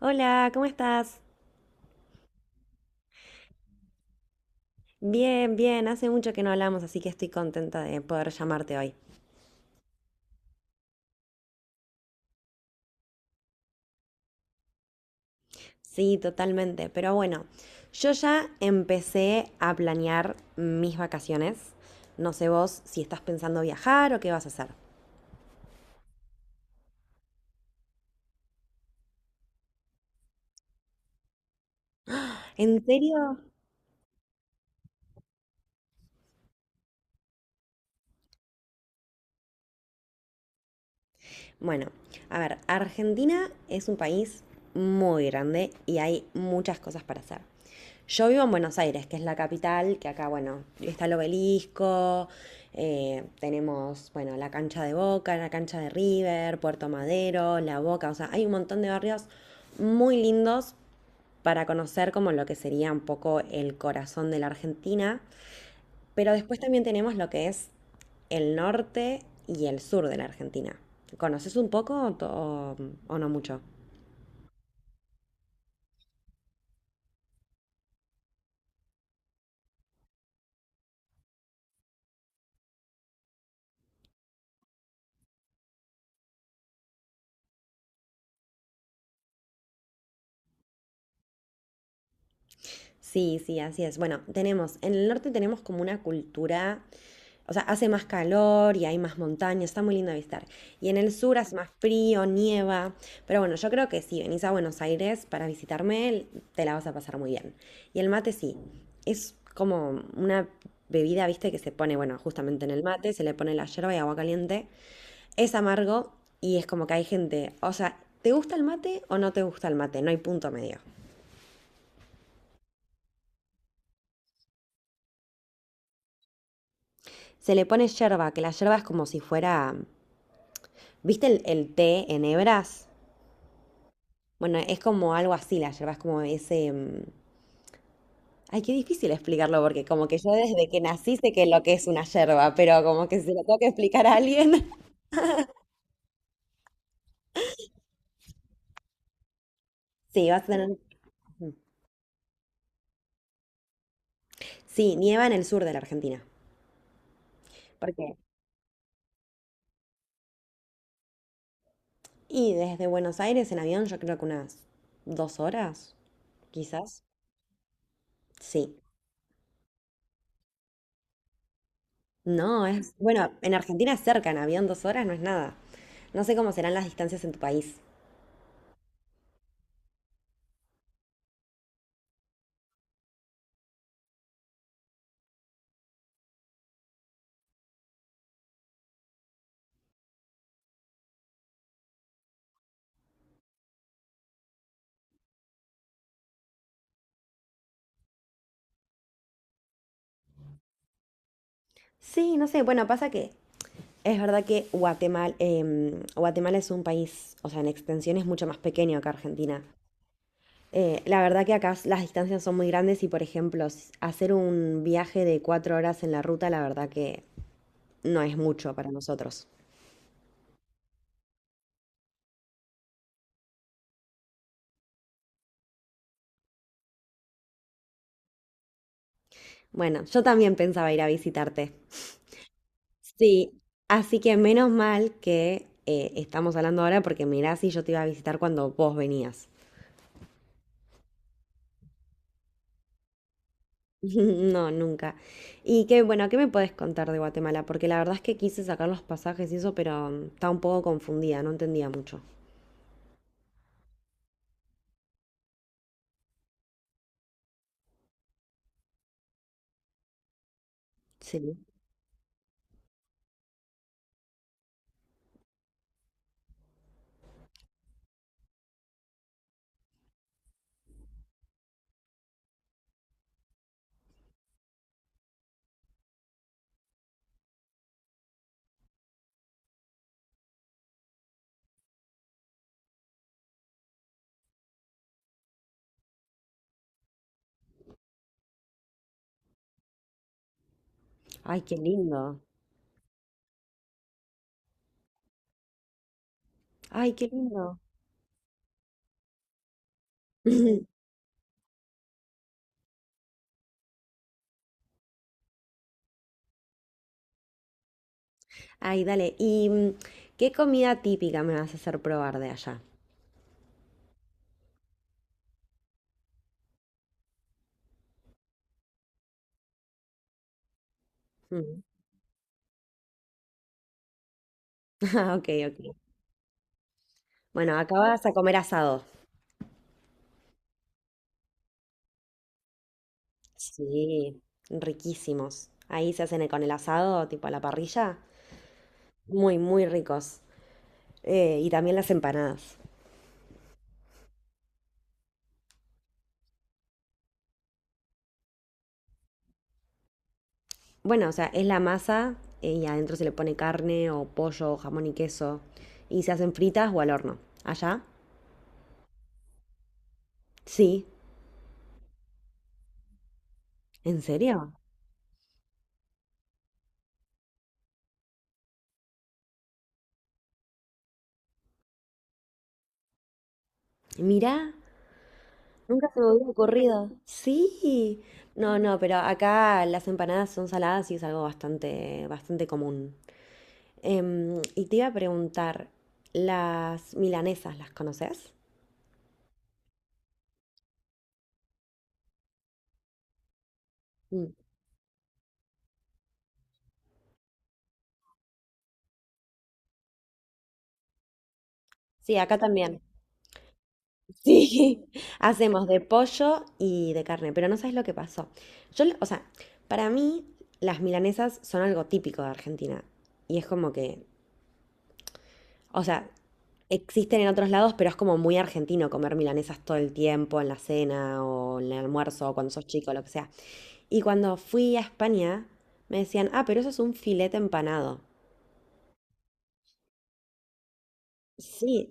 Hola, ¿cómo estás? Bien, bien, hace mucho que no hablamos, así que estoy contenta de poder llamarte hoy. Sí, totalmente, pero bueno, yo ya empecé a planear mis vacaciones. No sé vos si estás pensando viajar o qué vas a hacer. ¿En serio? Bueno, a ver, Argentina es un país muy grande y hay muchas cosas para hacer. Yo vivo en Buenos Aires, que es la capital, que acá, bueno, está el obelisco, tenemos, bueno, la cancha de Boca, la cancha de River, Puerto Madero, La Boca, o sea, hay un montón de barrios muy lindos para conocer como lo que sería un poco el corazón de la Argentina. Pero después también tenemos lo que es el norte y el sur de la Argentina. ¿Conoces un poco o, o no mucho? Sí, sí, así es. Bueno, tenemos, en el norte tenemos como una cultura, o sea, hace más calor y hay más montañas, está muy lindo de visitar. Y en el sur hace más frío, nieva, pero bueno, yo creo que si venís a Buenos Aires para visitarme, te la vas a pasar muy bien. Y el mate sí, es como una bebida, viste, que se pone, bueno, justamente en el mate, se le pone la yerba y agua caliente. Es amargo y es como que hay gente, o sea, ¿te gusta el mate o no te gusta el mate? No hay punto medio. Se le pone yerba, que la yerba es como si fuera. ¿Viste el té en hebras? Bueno, es como algo así, la yerba es como ese. Ay, qué difícil explicarlo, porque como que yo desde que nací sé que lo que es una yerba, pero como que se lo tengo que explicar a alguien. Sí, vas a tener. Sí, nieva en el sur de la Argentina. ¿Por qué? Y desde Buenos Aires en avión, yo creo que unas 2 horas, quizás. Sí. No, es. Bueno, en Argentina es cerca, en avión 2 horas no es nada. No sé cómo serán las distancias en tu país. Sí, no sé, bueno, pasa que es verdad que Guatemala, Guatemala es un país, o sea, en extensión es mucho más pequeño que Argentina. La verdad que acá las distancias son muy grandes y, por ejemplo, hacer un viaje de 4 horas en la ruta, la verdad que no es mucho para nosotros. Bueno, yo también pensaba ir a visitarte. Sí, así que menos mal que estamos hablando ahora porque mirá si yo te iba a visitar cuando vos venías. No, nunca. Y qué, bueno, ¿qué me puedes contar de Guatemala? Porque la verdad es que quise sacar los pasajes y eso, pero estaba un poco confundida, no entendía mucho. Sí. Ay, qué lindo. Ay, qué lindo. Ay, dale. ¿Y qué comida típica me vas a hacer probar de allá? Mm. Ah, Ok, ok. Bueno, acá vas a comer asado. Sí, riquísimos. Ahí se hacen con el asado, tipo a la parrilla. Muy, muy ricos. Y también las empanadas. Bueno, o sea, es la masa y adentro se le pone carne o pollo o jamón y queso y se hacen fritas o al horno. ¿Allá? Sí. ¿En serio? Mirá, nunca se me hubiera ocurrido. Sí. No, no, pero acá las empanadas son saladas y es algo bastante, bastante común. Y te iba a preguntar, ¿las milanesas las conoces? Mm. Sí, acá también. Sí, hacemos de pollo y de carne, pero no sabes lo que pasó. Yo, o sea, para mí las milanesas son algo típico de Argentina y es como que, o sea, existen en otros lados, pero es como muy argentino comer milanesas todo el tiempo en la cena o en el almuerzo o cuando sos chico, lo que sea. Y cuando fui a España me decían, ah, pero eso es un filete empanado. Sí,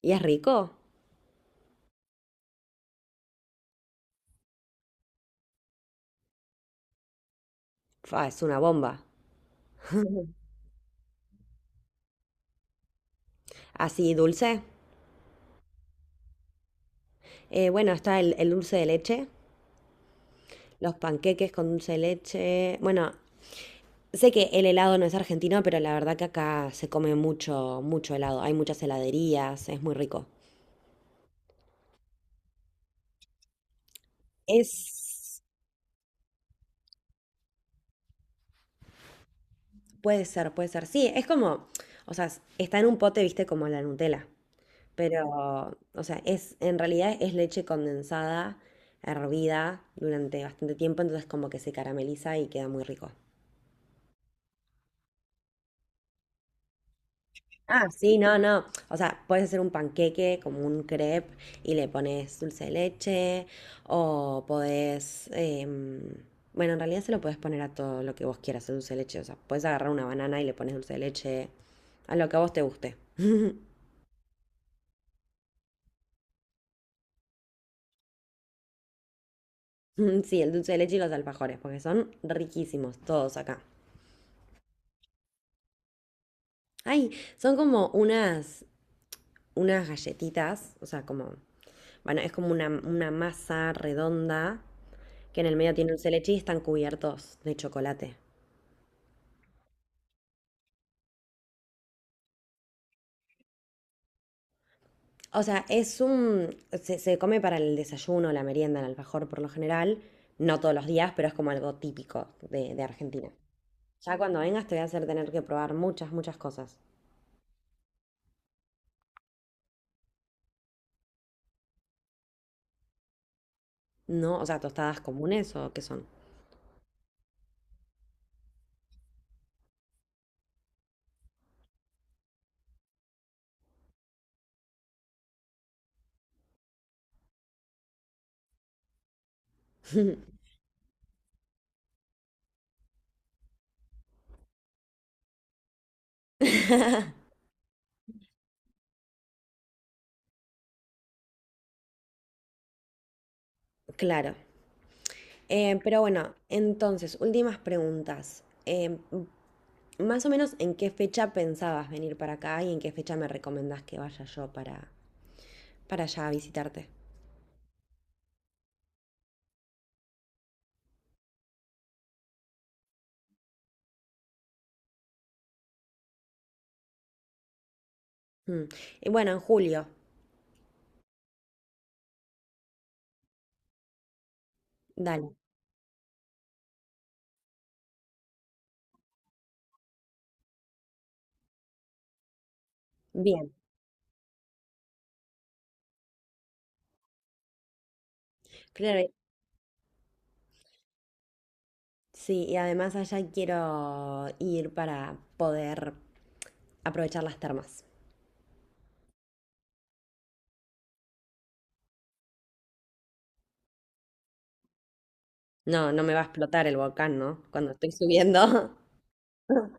y es rico. Fa, es una bomba. Así dulce. Bueno, está el dulce de leche. Los panqueques con dulce de leche. Bueno, sé que el helado no es argentino, pero la verdad que acá se come mucho, mucho helado. Hay muchas heladerías, es muy rico. Es, puede ser, puede ser. Sí, es como, o sea, está en un pote, viste, como la Nutella. Pero, o sea, es, en realidad es leche condensada, hervida durante bastante tiempo, entonces como que se carameliza y queda muy rico. Ah, sí, no, no. O sea, puedes hacer un panqueque como un crepe y le pones dulce de leche o podés... bueno, en realidad se lo podés poner a todo lo que vos quieras, el dulce de leche. O sea, podés agarrar una banana y le pones dulce de leche a lo que a vos te guste. Sí, el dulce de leche y los alfajores, porque son riquísimos todos acá. Ay, son como unas, unas galletitas, o sea, como... Bueno, es como una masa redonda que en el medio tiene un celechi y están cubiertos de chocolate. O sea, es un... Se come para el desayuno, la merienda, el alfajor por lo general. No todos los días, pero es como algo típico de Argentina. Ya cuando vengas te voy a hacer tener que probar muchas, muchas cosas. No, o sea, tostadas comunes o qué son. Claro. Pero bueno, entonces, últimas preguntas. Más o menos, ¿en qué fecha pensabas venir para acá y en qué fecha me recomendás que vaya yo para allá a visitarte? Mm. Y bueno, en julio, dale, bien. Claro, sí, y además allá quiero ir para poder aprovechar las termas. No, no me va a explotar el volcán, ¿no? Cuando estoy subiendo.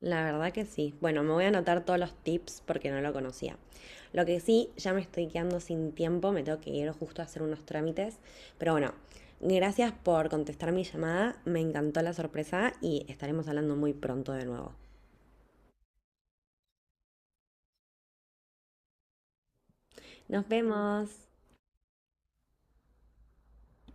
La verdad que sí. Bueno, me voy a anotar todos los tips porque no lo conocía. Lo que sí, ya me estoy quedando sin tiempo, me tengo que ir justo a hacer unos trámites. Pero bueno, gracias por contestar mi llamada, me encantó la sorpresa y estaremos hablando muy pronto de nuevo. Nos vemos.